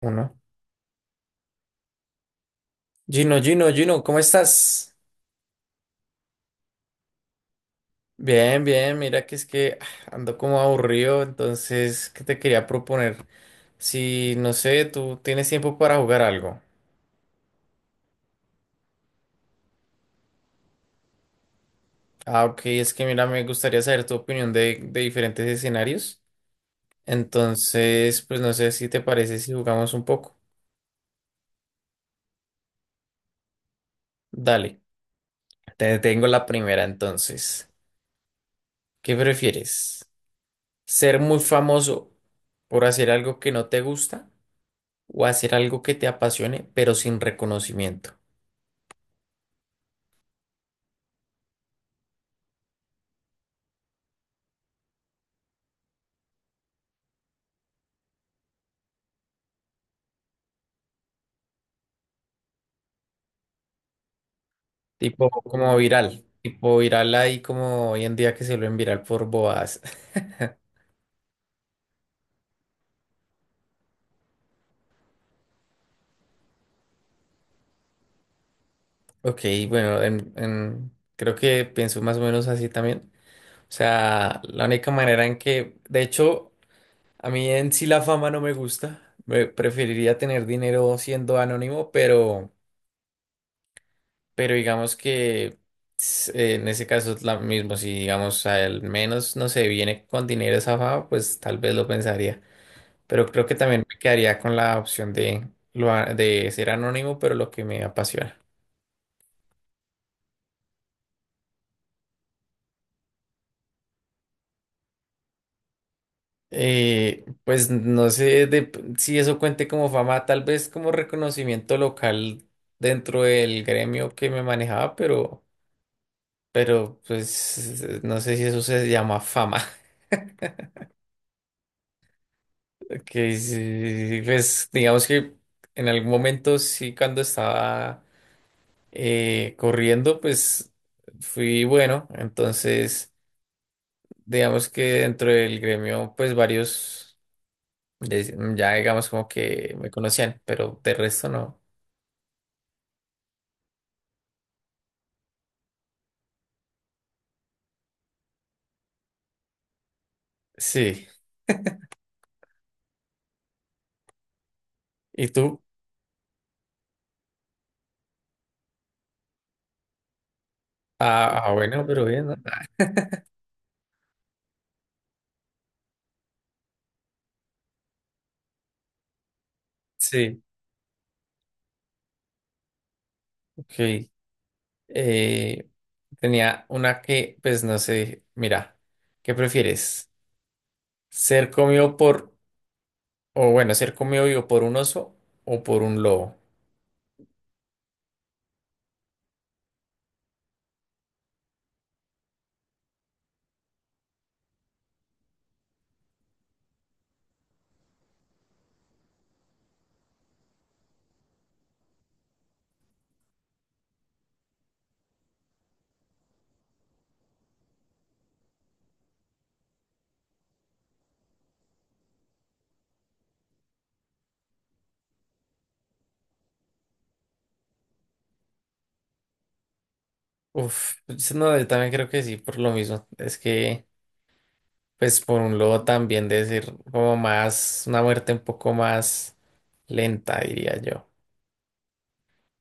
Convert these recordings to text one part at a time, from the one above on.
Uno. Gino, Gino, Gino, ¿cómo estás? Bien, bien, mira que es que ando como aburrido, entonces, ¿qué te quería proponer? Si, no sé, tú tienes tiempo para jugar algo. Ah, ok, es que mira, me gustaría saber tu opinión de diferentes escenarios. Entonces, pues no sé si te parece si jugamos un poco. Dale, te tengo la primera entonces. ¿Qué prefieres? ¿Ser muy famoso por hacer algo que no te gusta? O hacer algo que te apasione, pero sin reconocimiento. Tipo como viral. Tipo viral ahí como hoy en día que se lo viral por bobadas. Ok, bueno, creo que pienso más o menos así también. O sea, la única manera en que, de hecho, a mí en sí la fama no me gusta. Me preferiría tener dinero siendo anónimo, pero digamos que en ese caso es lo mismo. Si digamos al menos, no sé, viene con dinero esa fama, pues tal vez lo pensaría. Pero creo que también me quedaría con la opción de, de ser anónimo, pero lo que me apasiona. Pues no sé si eso cuente como fama, tal vez como reconocimiento local dentro del gremio que me manejaba, pero pues no sé si eso se llama fama. Que sí, pues digamos que en algún momento sí cuando estaba corriendo, pues fui bueno, entonces digamos que dentro del gremio, pues varios, ya digamos como que me conocían, pero de resto no. Sí. ¿Y tú? Ah, ah, bueno, pero bien, ¿no? Ah, Sí, ok. Eh, tenía una que, pues no sé, mira, ¿qué prefieres? ¿Ser comido por, o bueno, ser comido vivo por un oso o por un lobo? Uf, no, yo también creo que sí, por lo mismo. Es que... Pues por un lado también decir como más, una muerte un poco más lenta, diría yo.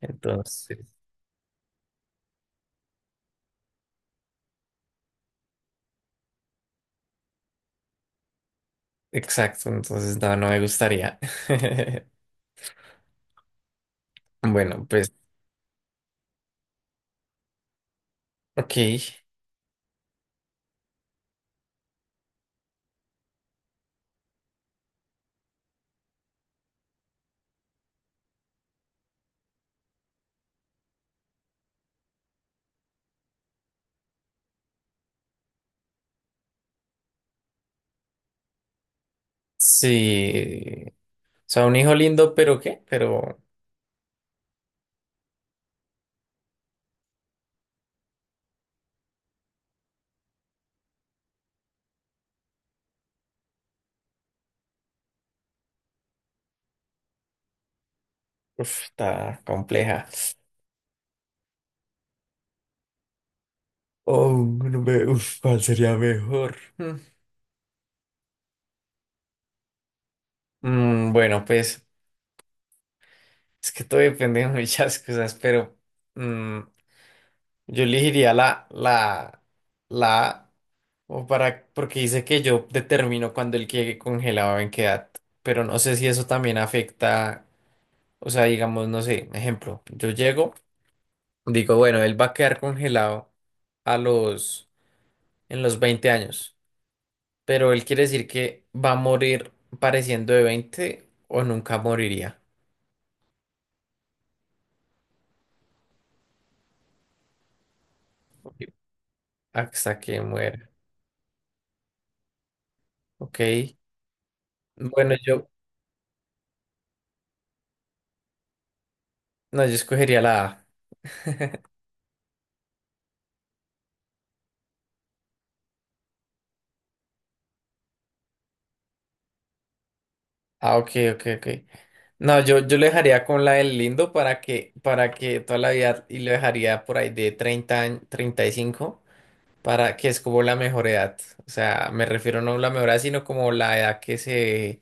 Entonces, exacto, entonces no, no me gustaría. Bueno, pues, ok, sí. O sea, un hijo lindo, pero ¿qué? Pero, uf, está compleja. Oh, no me- uf, ¿cuál sería mejor? Mm. Bueno, pues, es que todo depende de muchas cosas, pero mm, yo elegiría la A, Porque dice que yo determino cuando él quede congelado en qué edad, pero no sé si eso también afecta, o sea, digamos, no sé, ejemplo, yo llego, digo, bueno, él va a quedar congelado a los, en los 20 años, pero él quiere decir que va a morir pareciendo de 20 o nunca moriría hasta que muera, ¿ok? Bueno, no, yo escogería la A. Ah, ok, ok, ok. No, yo lo dejaría con la del lindo para que, toda la vida y lo dejaría por ahí de 30 años, 35 para que es como la mejor edad. O sea, me refiero no a la mejor edad, sino como la edad que se,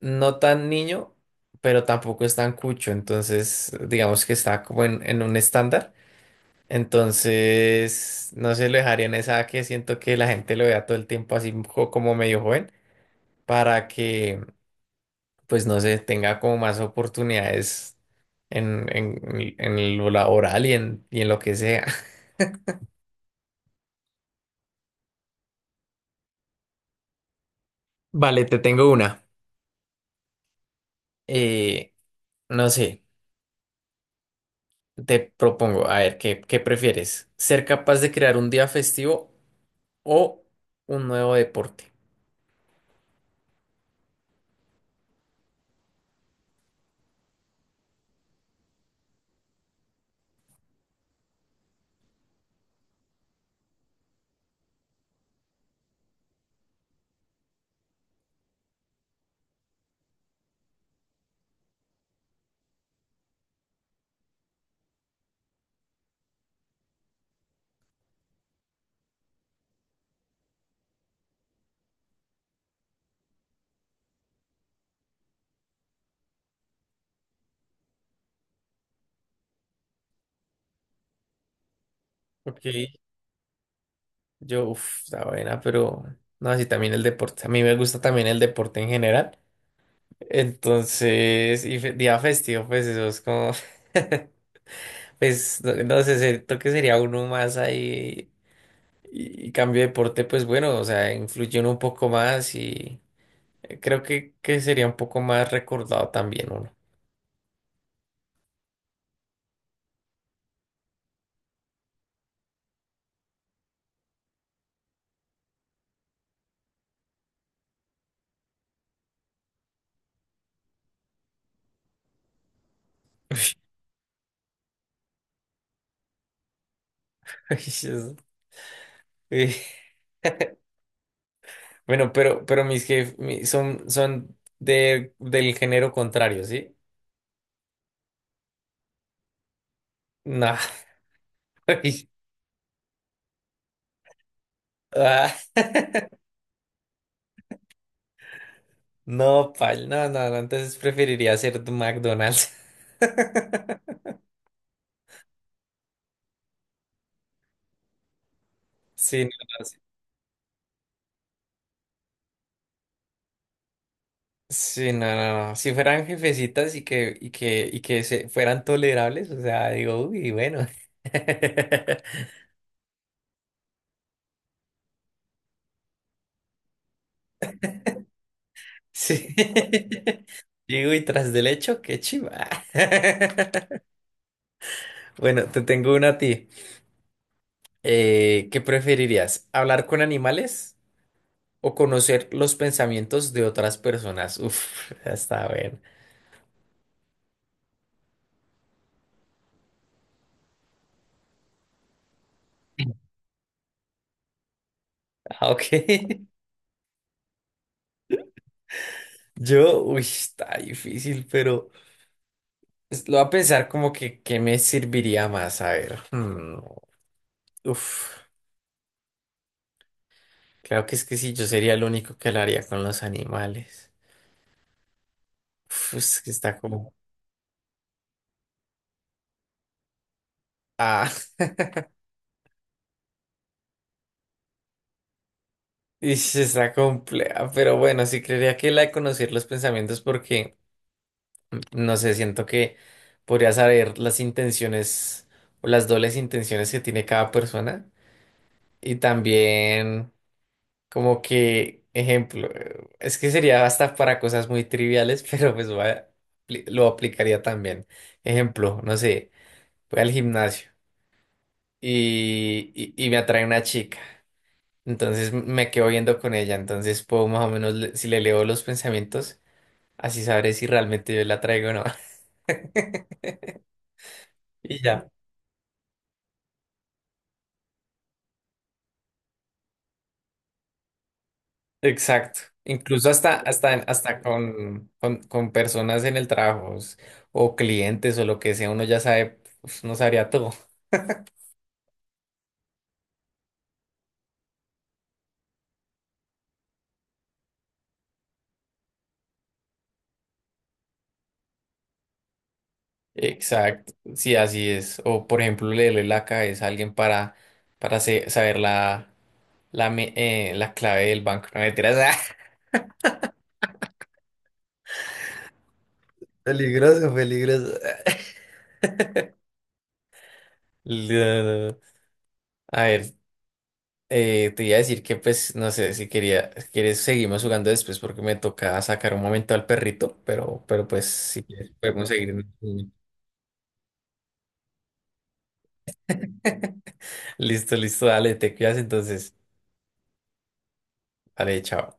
no tan niño, pero tampoco es tan cucho. Entonces, digamos que está como en, un estándar. Entonces, no se lo dejaría en esa edad que siento que la gente lo vea todo el tiempo así como medio joven, para que pues no sé, tenga como más oportunidades en, lo laboral y en lo que sea. Vale, te tengo una. Eh, no sé, te propongo, a ver, ¿qué prefieres? ¿Ser capaz de crear un día festivo o un nuevo deporte? Ok, uff, está buena, pero no, así también el deporte. A mí me gusta también el deporte en general. Entonces, día festivo, pues eso es como... Pues no sé, siento que sería uno más ahí y, cambio de deporte, pues bueno, o sea, influye uno un poco más y creo que, sería un poco más recordado también uno. Ay, Dios. Eh, Bueno, pero, mis jefes son, del género contrario, ¿sí? No. Ay, ah, No, pal, no, no, no, entonces preferiría ser de McDonald's. Sí, no, no, Sí, no, no, no. Si fueran jefecitas y que se fueran tolerables, o sea, digo, uy, bueno. Sí. Digo, y tras del hecho, qué chiva. Bueno, te tengo una a ti. ¿Qué preferirías? ¿Hablar con animales o conocer los pensamientos de otras personas? Uf, está bien. Ah, ok. Uy, está difícil, pero lo voy a pensar como que, ¿qué me serviría más? A ver. Hmm. Uf, claro que es que sí, yo sería el único que lo haría con los animales. Uf, es que está como... Ah, ish, está compleja, pero bueno, sí creería que la de conocer los pensamientos porque, no sé, siento que podría saber las intenciones o las dobles intenciones que tiene cada persona y también como que, ejemplo, es que sería hasta para cosas muy triviales, pero pues lo aplicaría también. Ejemplo, no sé, voy al gimnasio. Y me atrae una chica. Entonces me quedo viendo con ella. Entonces puedo más o menos, si le leo los pensamientos, así sabré si realmente yo la traigo o no. Y ya, exacto. Incluso hasta con, con personas en el trabajo o clientes o lo que sea, uno ya sabe, pues, no sabría todo. Exacto, sí, así es. O por ejemplo, leerle la cabeza a alguien saber la clave del banco. No mentiras. Peligroso, peligroso. No, no. A ver, te iba a decir que pues no sé si quería, si quieres seguimos jugando después porque me toca sacar un momento al perrito, pero pues si quieres podemos seguir. En Listo, listo, dale, te cuidas entonces. Dale, chao.